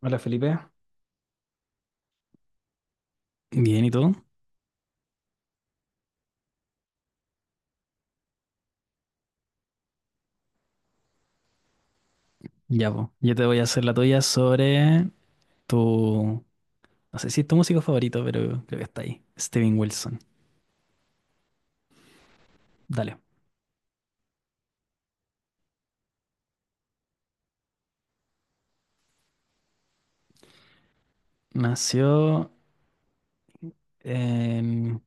Hola, Felipe. Bien, ¿y tú? Ya, pues. Yo te voy a hacer la tuya sobre tu. No sé si es tu músico favorito, pero creo que está ahí. Steven Wilson. Dale. Nació en.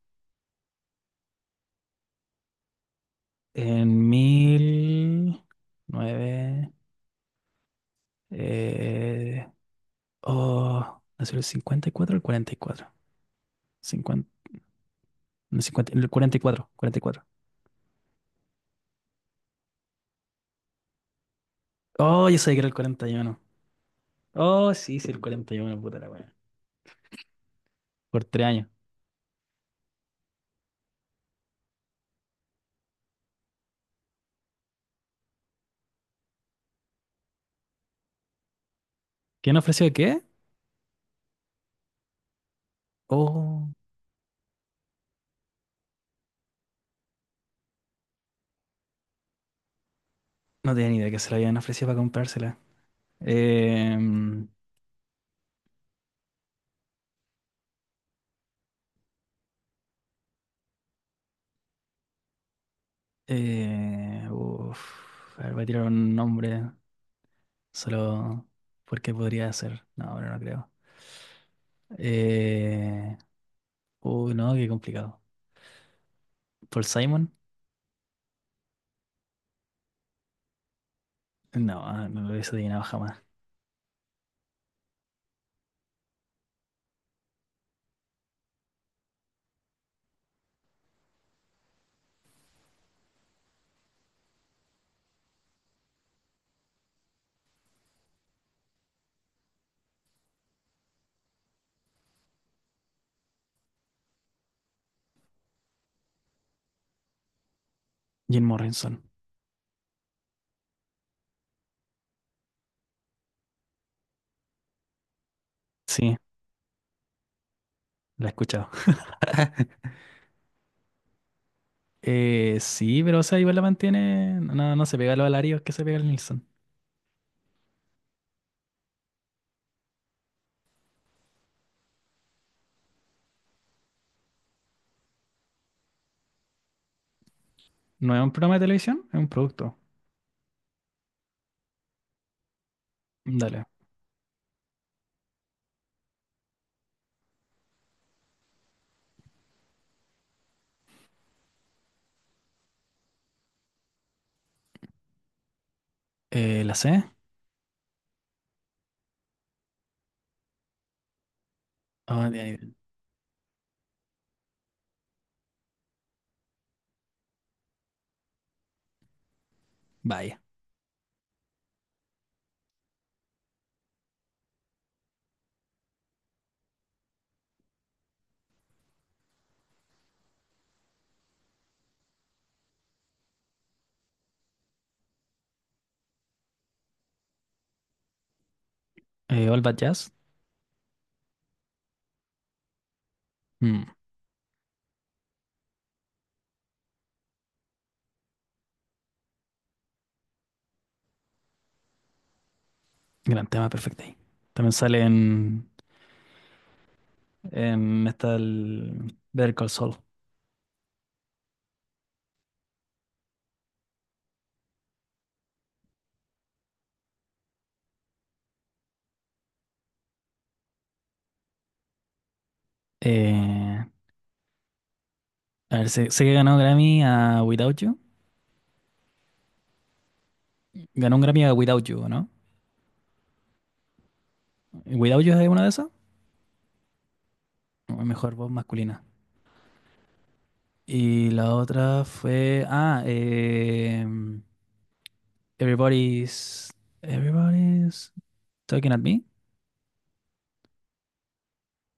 En mil. Nueve. eh, oh, nació el 54 o el 44. 50 no, 50 el cuarenta cuarenta y cuatro cuarenta y cuatro. Oh, yo sabía que era el 41. Oh, sí, sí, el 41, puta la wea. Por tres años. ¿Quién ofreció qué? Oh, no tenía ni idea que se la habían ofrecido para comprársela. Em, uf, a ver, voy a tirar un nombre solo porque podría ser. No, ahora no creo. Eh, uy, no, qué complicado. ¿Paul Simon? No, ah, no lo hubiese adivinado jamás. Jim Morrison. Sí, la he escuchado. Sí, pero o sea, igual la mantiene. No, no se pega a los alarios que se pega el Nilsson. No es un programa de televisión, es un producto. Dale. ¿La C? Ah, de ahí, vaya. All That Jazz. Mm, gran tema, perfecto ahí. También sale en esta el Better Call Saul. Eh, a ver, sé que ganó Grammy a Without You. Ganó un Grammy a Without You, ¿no? ¿Without You es una de esas? O mejor voz masculina. Y la otra fue. Ah, Everybody's. Everybody's Talking at Me.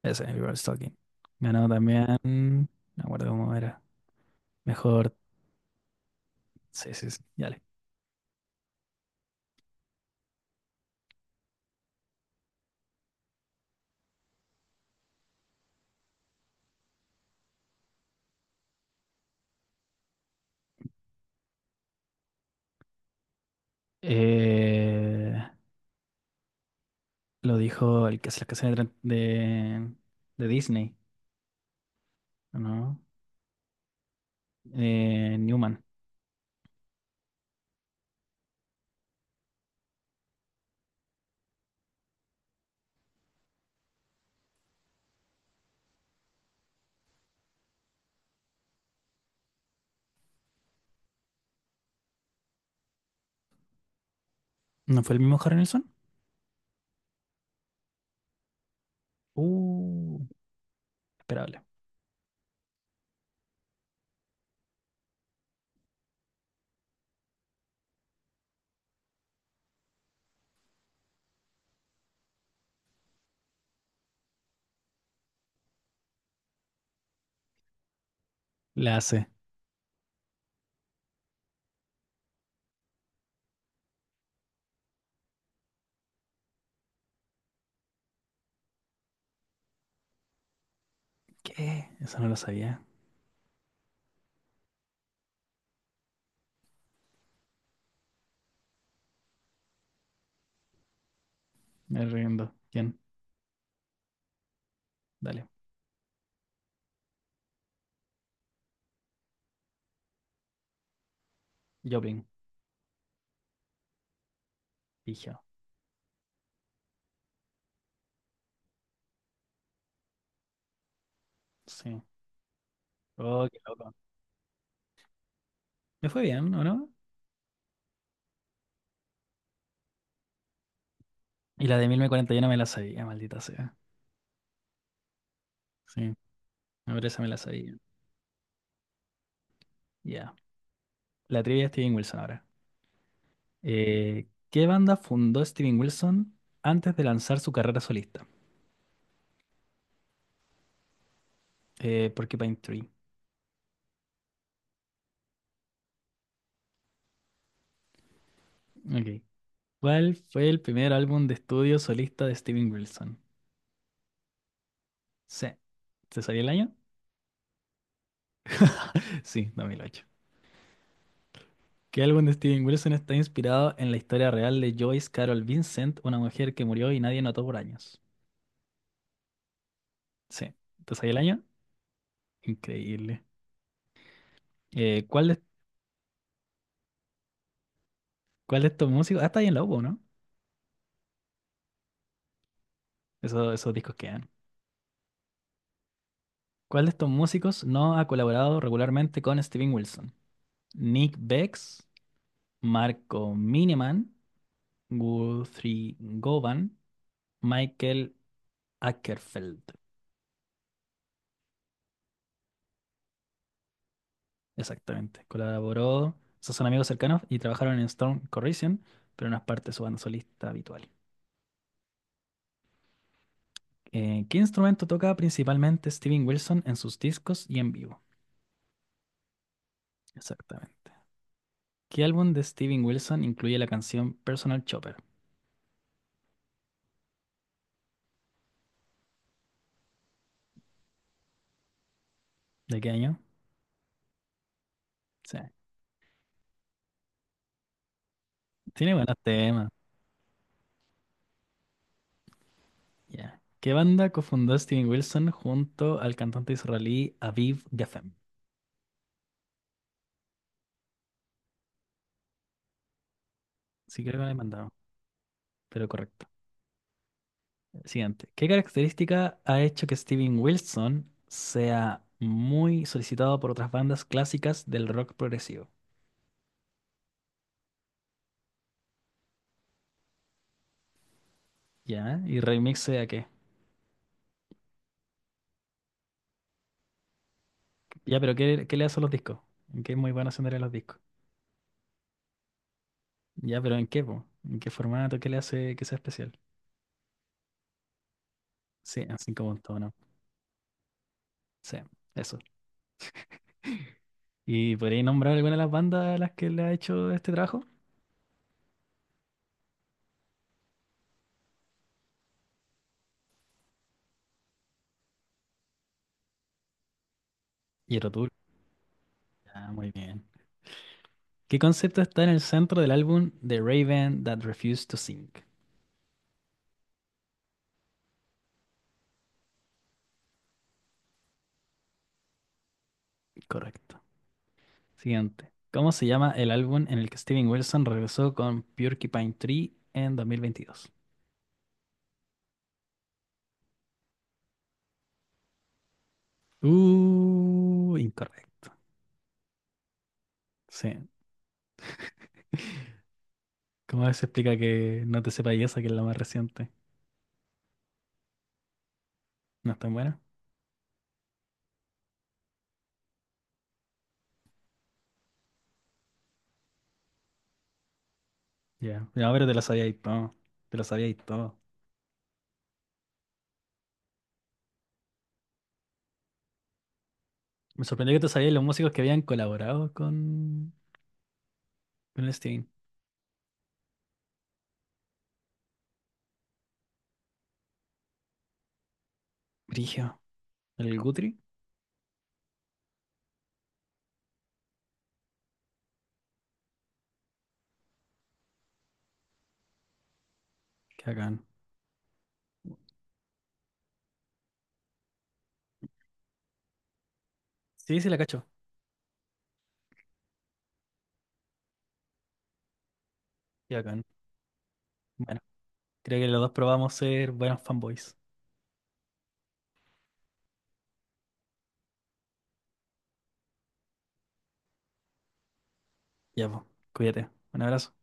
Ese, Everybody's Talking. Ganó también. No me acuerdo cómo era. Mejor. Sí, sí, sí, dale. Eh, lo dijo el que hace las canciones de, de Disney, ¿no? Newman. ¿No fue el mismo Harry Nilsson? Uh, esperable. La hace. ¿Qué? Eso no lo sabía. Me rindo. ¿Quién? Dale. Joplin. Fijo. Sí. Oh, qué loco. Me fue bien, ¿o no? Y la de 1041 me la sabía, maldita sea. Sí, ahora esa me la sabía. Ya. La trivia de Steven Wilson ahora. ¿Qué banda fundó Steven Wilson antes de lanzar su carrera solista? Porcupine Tree. Ok. ¿Cuál fue el primer álbum de estudio solista de Steven Wilson? Sí. ¿Se sabía el año? Sí, 2008. ¿Qué álbum de Steven Wilson está inspirado en la historia real de Joyce Carol Vincent, una mujer que murió y nadie notó por años? Sí. ¿Te sabía el año? Increíble. Eh, ¿cuál de, ¿cuál de estos músicos? Ah, está ahí en la U, ¿no? Esos, esos discos que ¿cuál de estos músicos no ha colaborado regularmente con Steven Wilson? Nick Bex, Marco Miniman, Guthrie Govan, Michael Ackerfeld. Exactamente. Colaboró, esos son amigos cercanos y trabajaron en Storm Corrosion, pero no es parte de su banda solista habitual. ¿Qué instrumento toca principalmente Steven Wilson en sus discos y en vivo? Exactamente. ¿Qué álbum de Steven Wilson incluye la canción Personal Chopper? ¿De qué año? Sí. Tiene buenos temas. Ya. ¿Qué banda cofundó Steven Wilson junto al cantante israelí Aviv Geffen? Sí, creo que me he mandado, pero correcto. Siguiente. ¿Qué característica ha hecho que Steven Wilson sea muy solicitado por otras bandas clásicas del rock progresivo? Ya, y remix a qué. Ya, pero ¿qué, qué le hace a los discos? ¿En qué es muy bueno sonar en los discos? Ya, pero ¿en qué, po? ¿En qué formato? ¿Qué le hace que sea especial? Sí, en cinco puntos, ¿no? Sí, eso. ¿Y podríais nombrar alguna de las bandas a las que le ha hecho este trabajo? Y ah, muy bien. ¿Qué concepto está en el centro del álbum The Raven That Refused to Sing? Correcto. Siguiente. ¿Cómo se llama el álbum en el que Steven Wilson regresó con Porcupine Tree en 2022? Incorrecto. Sí. ¿Cómo se explica que no te sepa esa que es la más reciente? ¿No es tan buena? Ya. No, pero te lo sabías y todo. Te lo sabías y todo. Me sorprendió que te sabías los músicos que habían colaborado con el Steven. Brigio. El Guthrie. Qué bacán. Sí, sí, la cacho. Ya, con. Bueno, creo que los dos probamos ser buenos fanboys. Ya, pues, cuídate. Un abrazo.